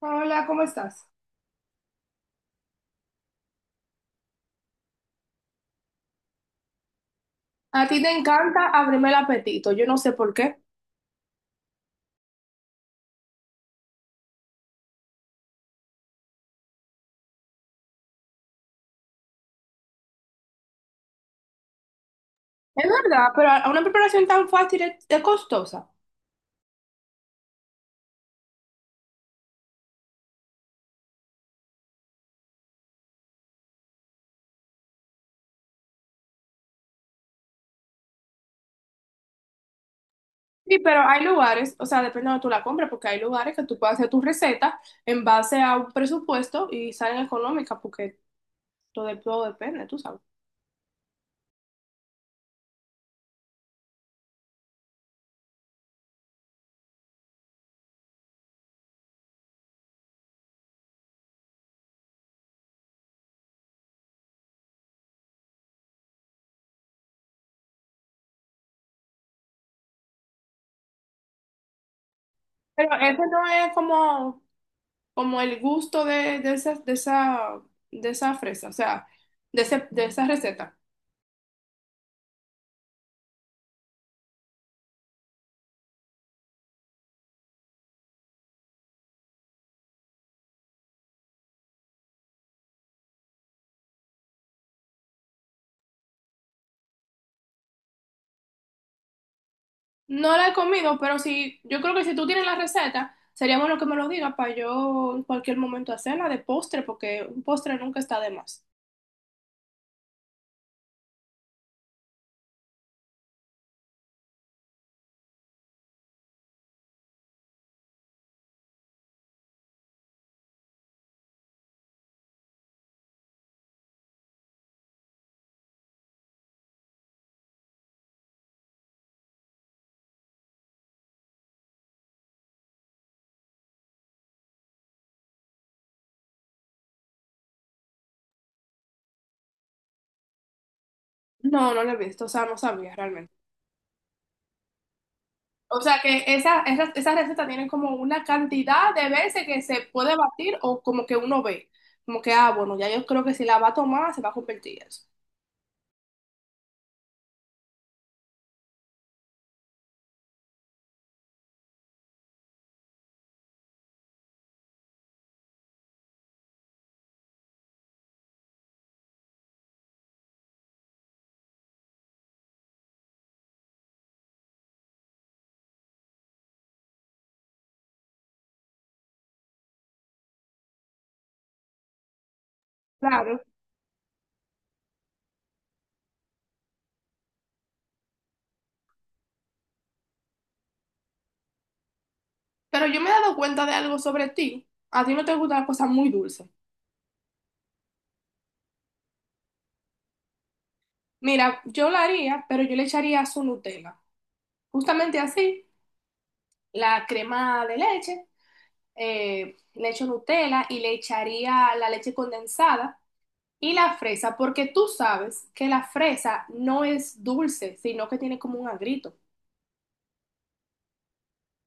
Hola, ¿cómo estás? A ti te encanta abrirme el apetito, yo no sé por qué. Es verdad, pero una preparación tan fácil es costosa. Sí, pero hay lugares, o sea, depende de donde tú la compres, porque hay lugares que tú puedes hacer tu receta en base a un presupuesto y salen económicas, porque todo depende, tú sabes. Pero ese no es como, como el gusto de esa, de esa fresa, o sea, de esa receta. No la he comido, pero si, yo creo que si tú tienes la receta, sería bueno que me lo digas para yo en cualquier momento hacerla de postre, porque un postre nunca está de más. No, no la he visto, o sea, no sabía realmente. O sea que esa receta tiene como una cantidad de veces que se puede batir o como que uno ve, como que, ah, bueno, ya yo creo que si la va a tomar se va a convertir eso. Claro, pero yo me he dado cuenta de algo sobre ti. A ti no te gustan las cosas muy dulces. Mira, yo la haría, pero yo le echaría su Nutella. Justamente así, la crema de leche, le echo Nutella y le echaría la leche condensada y la fresa, porque tú sabes que la fresa no es dulce, sino que tiene como un agrito.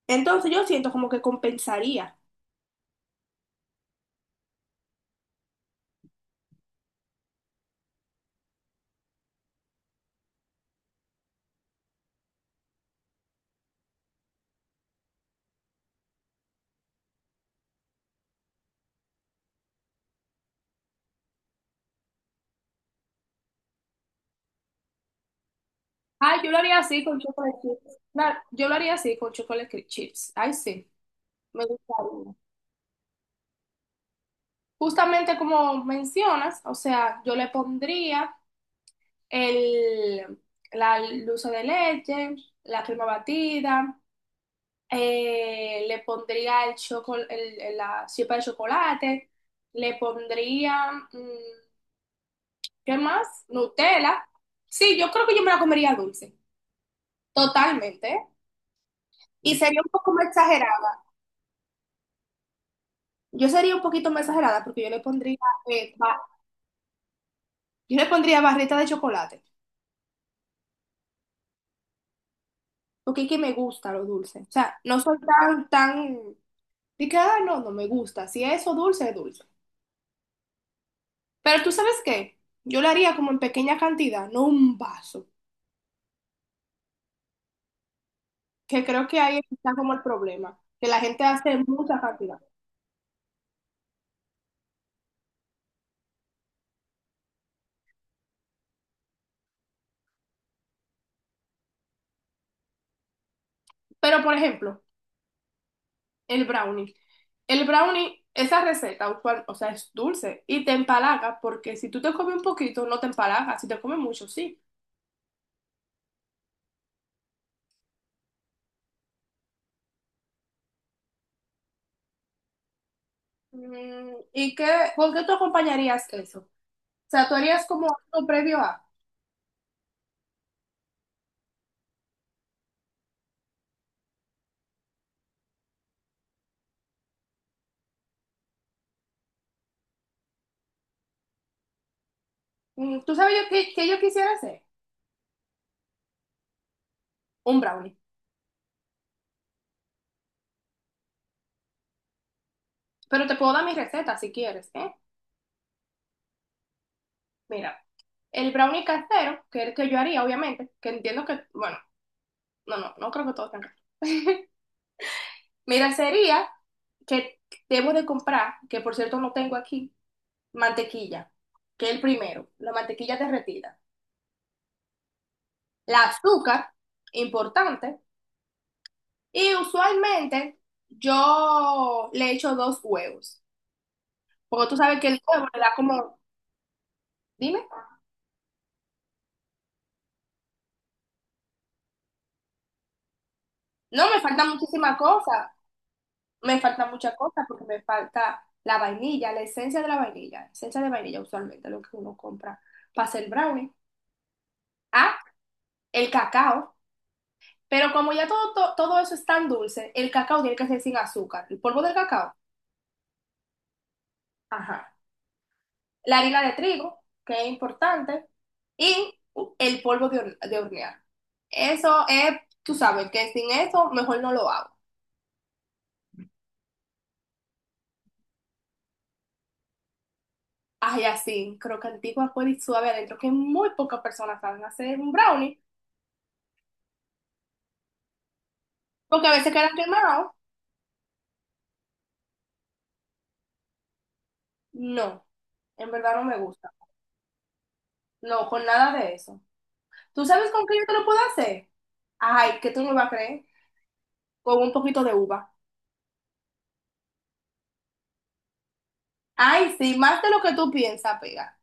Entonces yo siento como que compensaría. Ay, yo lo haría así con chocolate chips. Claro, yo lo haría así con chips. Ay, sí, me gustaría. Justamente como mencionas, o sea, yo le pondría el, la dulce de leche, la crema batida, le pondría el chocolate, la chispa de chocolate, le pondría, ¿qué más? Nutella. Sí, yo creo que yo me la comería dulce, totalmente, ¿eh? Y sería un poco más exagerado. Yo sería un poquito más exagerada porque yo le pondría, eh, ba- yo le pondría barrita de chocolate, porque es que me gusta lo dulce. O sea, no soy tan, de que, ah, no, no me gusta. Si es eso dulce, es dulce. Pero tú sabes qué, yo lo haría como en pequeña cantidad, no un vaso, que creo que ahí está como el problema, que la gente hace mucha cantidad. Pero, por ejemplo, el brownie. El brownie, esa receta, o sea, es dulce y te empalaga, porque si tú te comes un poquito, no te empalaga, si te comes mucho, sí. ¿Y qué, con qué tú acompañarías eso? O sea, tú harías como algo previo a. ¿Tú sabes yo qué, qué yo quisiera hacer? Un brownie. Pero te puedo dar mi receta si quieres, ¿eh? Mira, el brownie casero, que es el que yo haría, obviamente, que entiendo que, bueno, no creo que todos tengan. Mira, sería que debo de comprar, que por cierto no tengo aquí, mantequilla, que es el primero, la mantequilla derretida. La azúcar, importante, y usualmente yo le echo 2 huevos, porque tú sabes que el huevo le da como, dime, no, me falta muchísima cosa, me falta mucha cosa porque me falta la vainilla, la esencia de la vainilla, esencia de vainilla usualmente, lo que uno compra para hacer brownie. Ah, el cacao, pero como ya todo, eso es tan dulce, el cacao tiene que ser sin azúcar, el polvo del cacao. Ajá. La harina de trigo, que es importante, y el polvo de hornear. Eso es, tú sabes, que sin eso mejor no lo hago. Ay, así, crocantico, afuera y suave adentro, que muy pocas personas saben hacer un brownie, porque a veces quedan quemados. No, en verdad no me gusta. No, con nada de eso. ¿Tú sabes con qué yo te lo puedo hacer? Ay, que tú no me vas a creer. Con un poquito de uva. Ay, sí, más de lo que tú piensas, pega.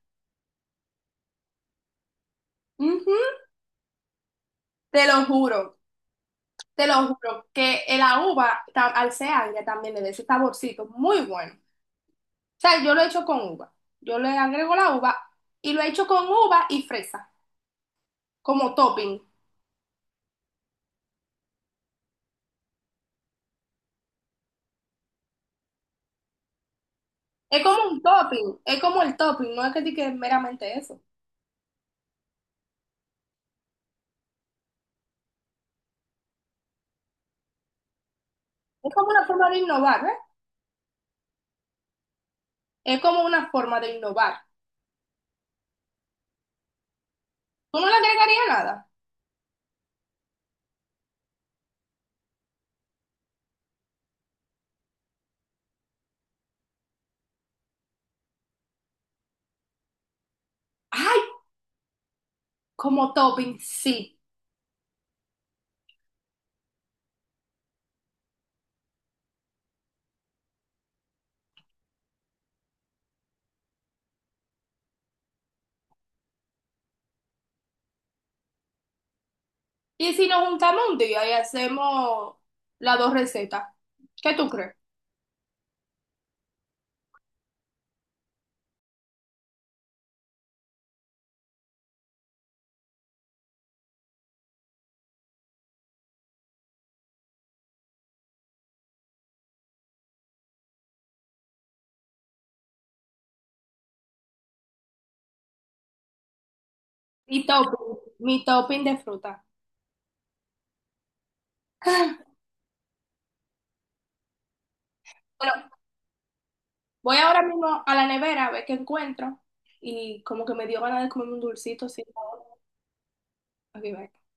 Ujú, te lo juro. Te lo juro que en la uva, al ser agria, también le da ese saborcito muy bueno. O sea, yo lo he hecho con uva. Yo le agrego la uva y lo he hecho con uva y fresa, como topping. Es como un topping, es como el topping, no es que diga meramente eso. Es como una forma de innovar, ¿eh? Es como una forma de innovar. ¿Tú no le agregarías nada? ¡Ay! Como topping, sí. Y si nos juntamos un día y hacemos las dos recetas, ¿qué tú crees? Mi topping, mi topping de fruta. Voy ahora mismo a la nevera a ver qué encuentro y como que me dio ganas de comerme un dulcito, sí. Aquí va.